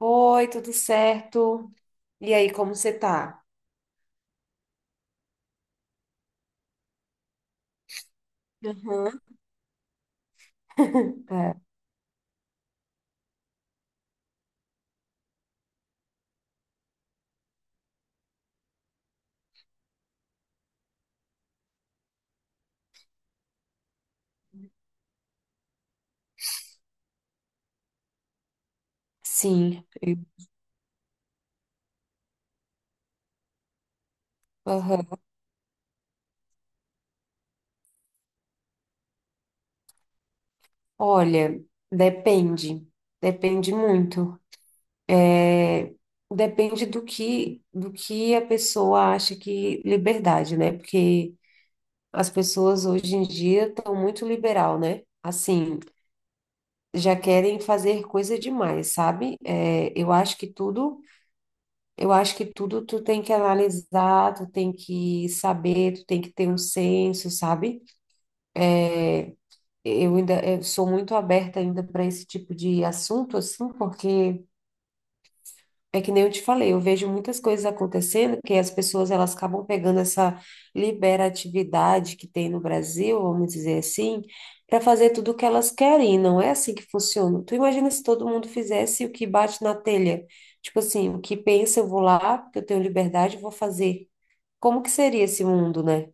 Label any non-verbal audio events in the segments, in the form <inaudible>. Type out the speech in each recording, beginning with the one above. Oi, tudo certo? E aí, como você tá? Aham. <laughs> É, sim. Aham. Olha, depende. Depende muito. É, depende do que a pessoa acha que liberdade, né? Porque as pessoas hoje em dia estão muito liberal, né? Assim, já querem fazer coisa demais, sabe? É, eu acho que tudo. Eu acho que tudo tu tem que analisar, tu tem que saber, tu tem que ter um senso, sabe? É, eu ainda eu sou muito aberta ainda para esse tipo de assunto, assim, porque é que nem eu te falei, eu vejo muitas coisas acontecendo que as pessoas elas acabam pegando essa liberatividade que tem no Brasil, vamos dizer assim, para fazer tudo o que elas querem. E não é assim que funciona. Tu imagina se todo mundo fizesse o que bate na telha? Tipo assim, o que pensa, eu vou lá, porque eu tenho liberdade, eu vou fazer. Como que seria esse mundo, né?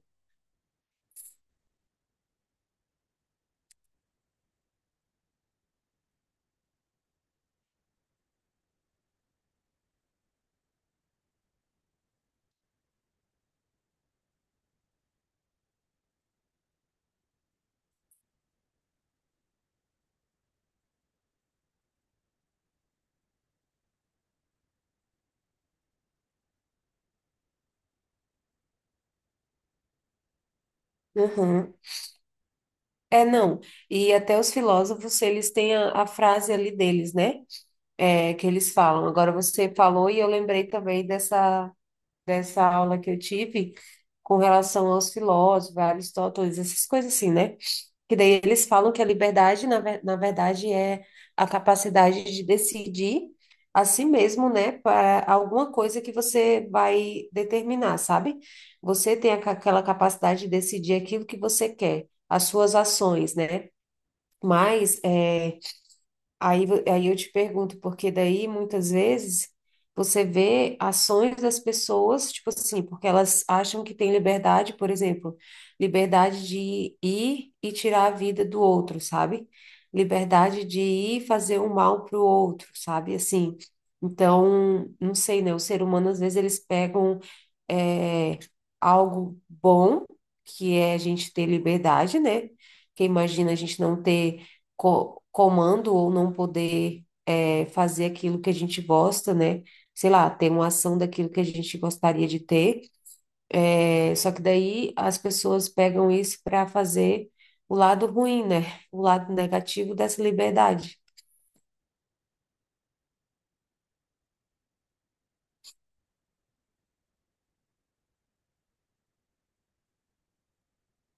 Uhum. É, não. E até os filósofos, eles têm a frase ali deles, né? É, que eles falam. Agora você falou e eu lembrei também dessa aula que eu tive com relação aos filósofos, Aristóteles, essas coisas assim, né? Que daí eles falam que a liberdade, na verdade, é a capacidade de decidir a si mesmo, né, para alguma coisa que você vai determinar, sabe? Você tem aquela capacidade de decidir aquilo que você quer, as suas ações, né? Mas, aí, aí eu te pergunto, porque daí muitas vezes você vê ações das pessoas, tipo assim, porque elas acham que tem liberdade, por exemplo, liberdade de ir e tirar a vida do outro, sabe? Liberdade de ir fazer o mal para o outro, sabe? Assim, então, não sei, né? O ser humano, às vezes, eles pegam é, algo bom, que é a gente ter liberdade, né? Porque imagina a gente não ter comando ou não poder fazer aquilo que a gente gosta, né? Sei lá, ter uma ação daquilo que a gente gostaria de ter. É, só que daí as pessoas pegam isso para fazer o lado ruim, né? O lado negativo dessa liberdade.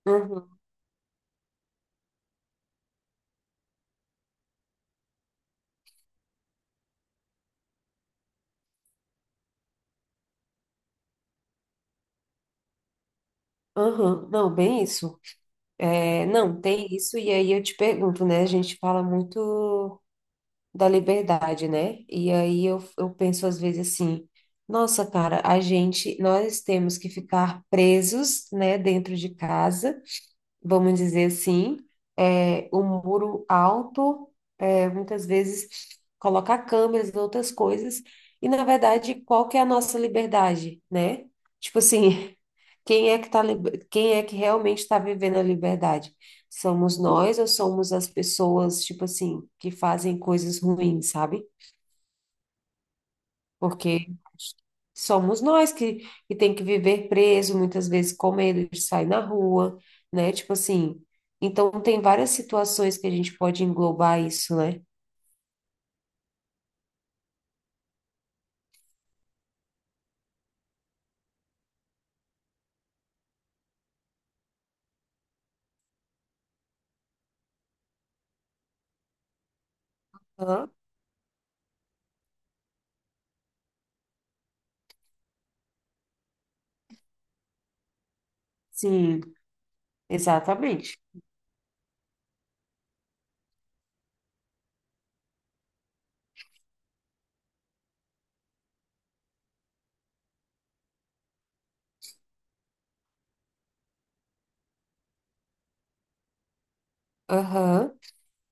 Uhum, uhum. Não, bem isso. É, não, tem isso, e aí eu te pergunto, né? A gente fala muito da liberdade, né? E aí eu penso às vezes assim, nossa, cara, nós temos que ficar presos, né, dentro de casa, vamos dizer assim, é, o muro alto, é, muitas vezes colocar câmeras e outras coisas, e na verdade, qual que é a nossa liberdade, né? Tipo assim, <laughs> quem é que tá, quem é que realmente está vivendo a liberdade? Somos nós ou somos as pessoas, tipo assim, que fazem coisas ruins, sabe? Porque somos nós que tem que viver preso, muitas vezes com medo de sair na rua, né? Tipo assim, então tem várias situações que a gente pode englobar isso, né? Aham. Sim, exatamente. Aham.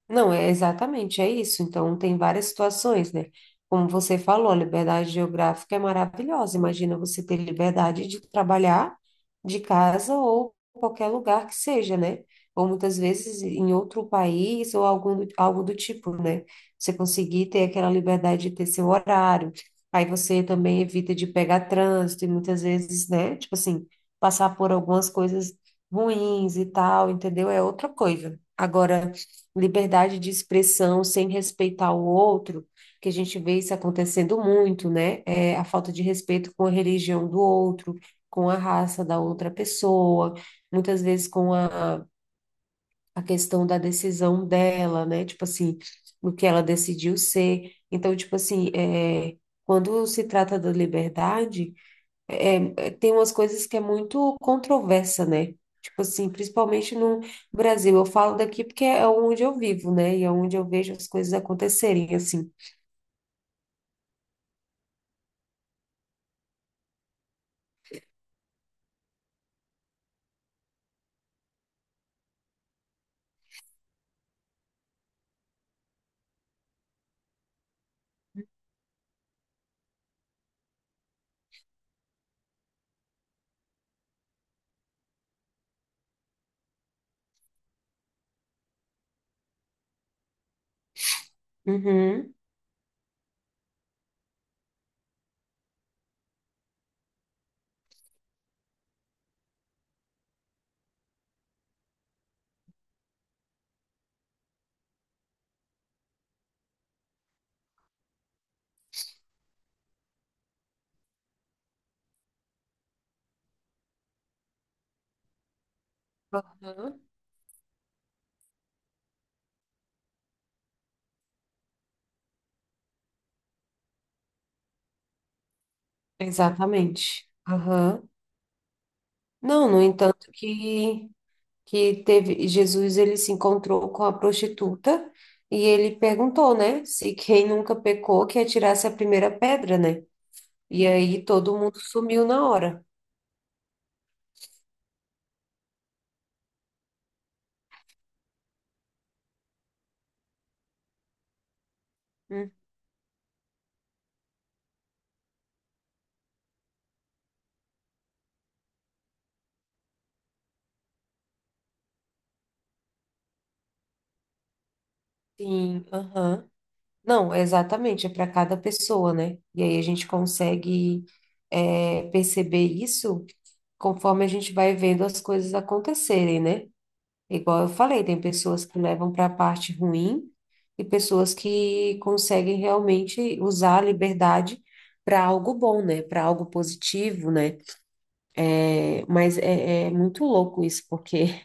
Não, é exatamente, é isso. Então, tem várias situações, né? Como você falou, a liberdade geográfica é maravilhosa. Imagina você ter liberdade de trabalhar de casa ou qualquer lugar que seja, né? Ou muitas vezes em outro país ou algum, algo do tipo, né? Você conseguir ter aquela liberdade de ter seu horário. Aí você também evita de pegar trânsito e muitas vezes, né? Tipo assim, passar por algumas coisas ruins e tal, entendeu? É outra coisa. Agora liberdade de expressão sem respeitar o outro, que a gente vê isso acontecendo muito, né? É a falta de respeito com a religião do outro, com a raça da outra pessoa, muitas vezes com a questão da decisão dela, né? Tipo assim, do que ela decidiu ser. Então, tipo assim, é, quando se trata da liberdade é, é, tem umas coisas que é muito controversa, né? Tipo assim, principalmente no Brasil. Eu falo daqui porque é onde eu vivo, né? E é onde eu vejo as coisas acontecerem, assim. Uhum. Aham. Exatamente. Aham. Não, no entanto que teve Jesus ele se encontrou com a prostituta e ele perguntou, né, se quem nunca pecou que atirasse a primeira pedra, né? E aí todo mundo sumiu na hora. Hum, Sim, aham. Não, exatamente, é para cada pessoa, né? E aí a gente consegue perceber isso conforme a gente vai vendo as coisas acontecerem, né? Igual eu falei, tem pessoas que levam para a parte ruim e pessoas que conseguem realmente usar a liberdade para algo bom, né? Para algo positivo, né? Mas é muito louco isso, porque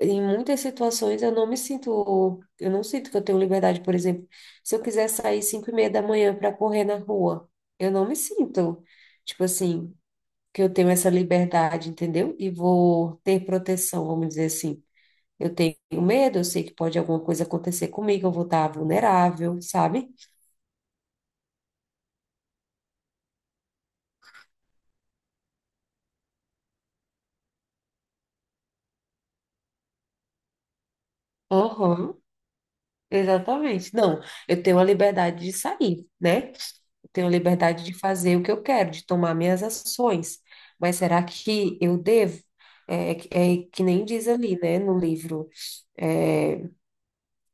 em muitas situações eu não me sinto, eu não sinto que eu tenho liberdade, por exemplo, se eu quiser sair 5:30 da manhã para correr na rua, eu não me sinto, tipo assim, que eu tenho essa liberdade, entendeu? E vou ter proteção, vamos dizer assim. Eu tenho medo, eu sei que pode alguma coisa acontecer comigo, eu vou estar vulnerável, sabe? Aham, exatamente. Não, eu tenho a liberdade de sair, né? Tenho liberdade de fazer o que eu quero, de tomar minhas ações. Mas será que eu devo? É, é que nem diz ali, né, no livro, é,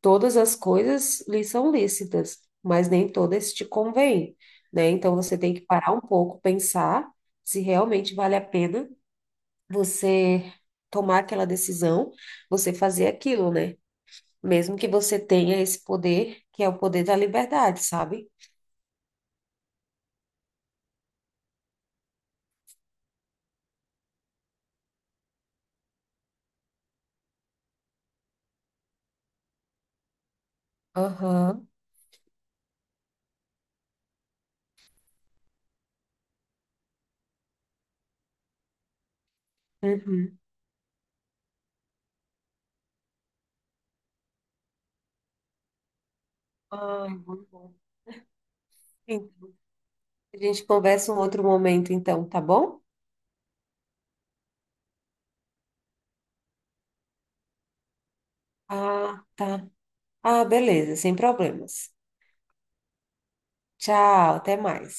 todas as coisas lhe são lícitas, mas nem todas te convêm, né? Então você tem que parar um pouco, pensar se realmente vale a pena você tomar aquela decisão, você fazer aquilo, né? Mesmo que você tenha esse poder, que é o poder da liberdade, sabe? Aham. Uhum. Ai, muito bom. Sim. A gente conversa um outro momento, então, tá bom? Ah, tá. Ah, beleza, sem problemas. Tchau, até mais.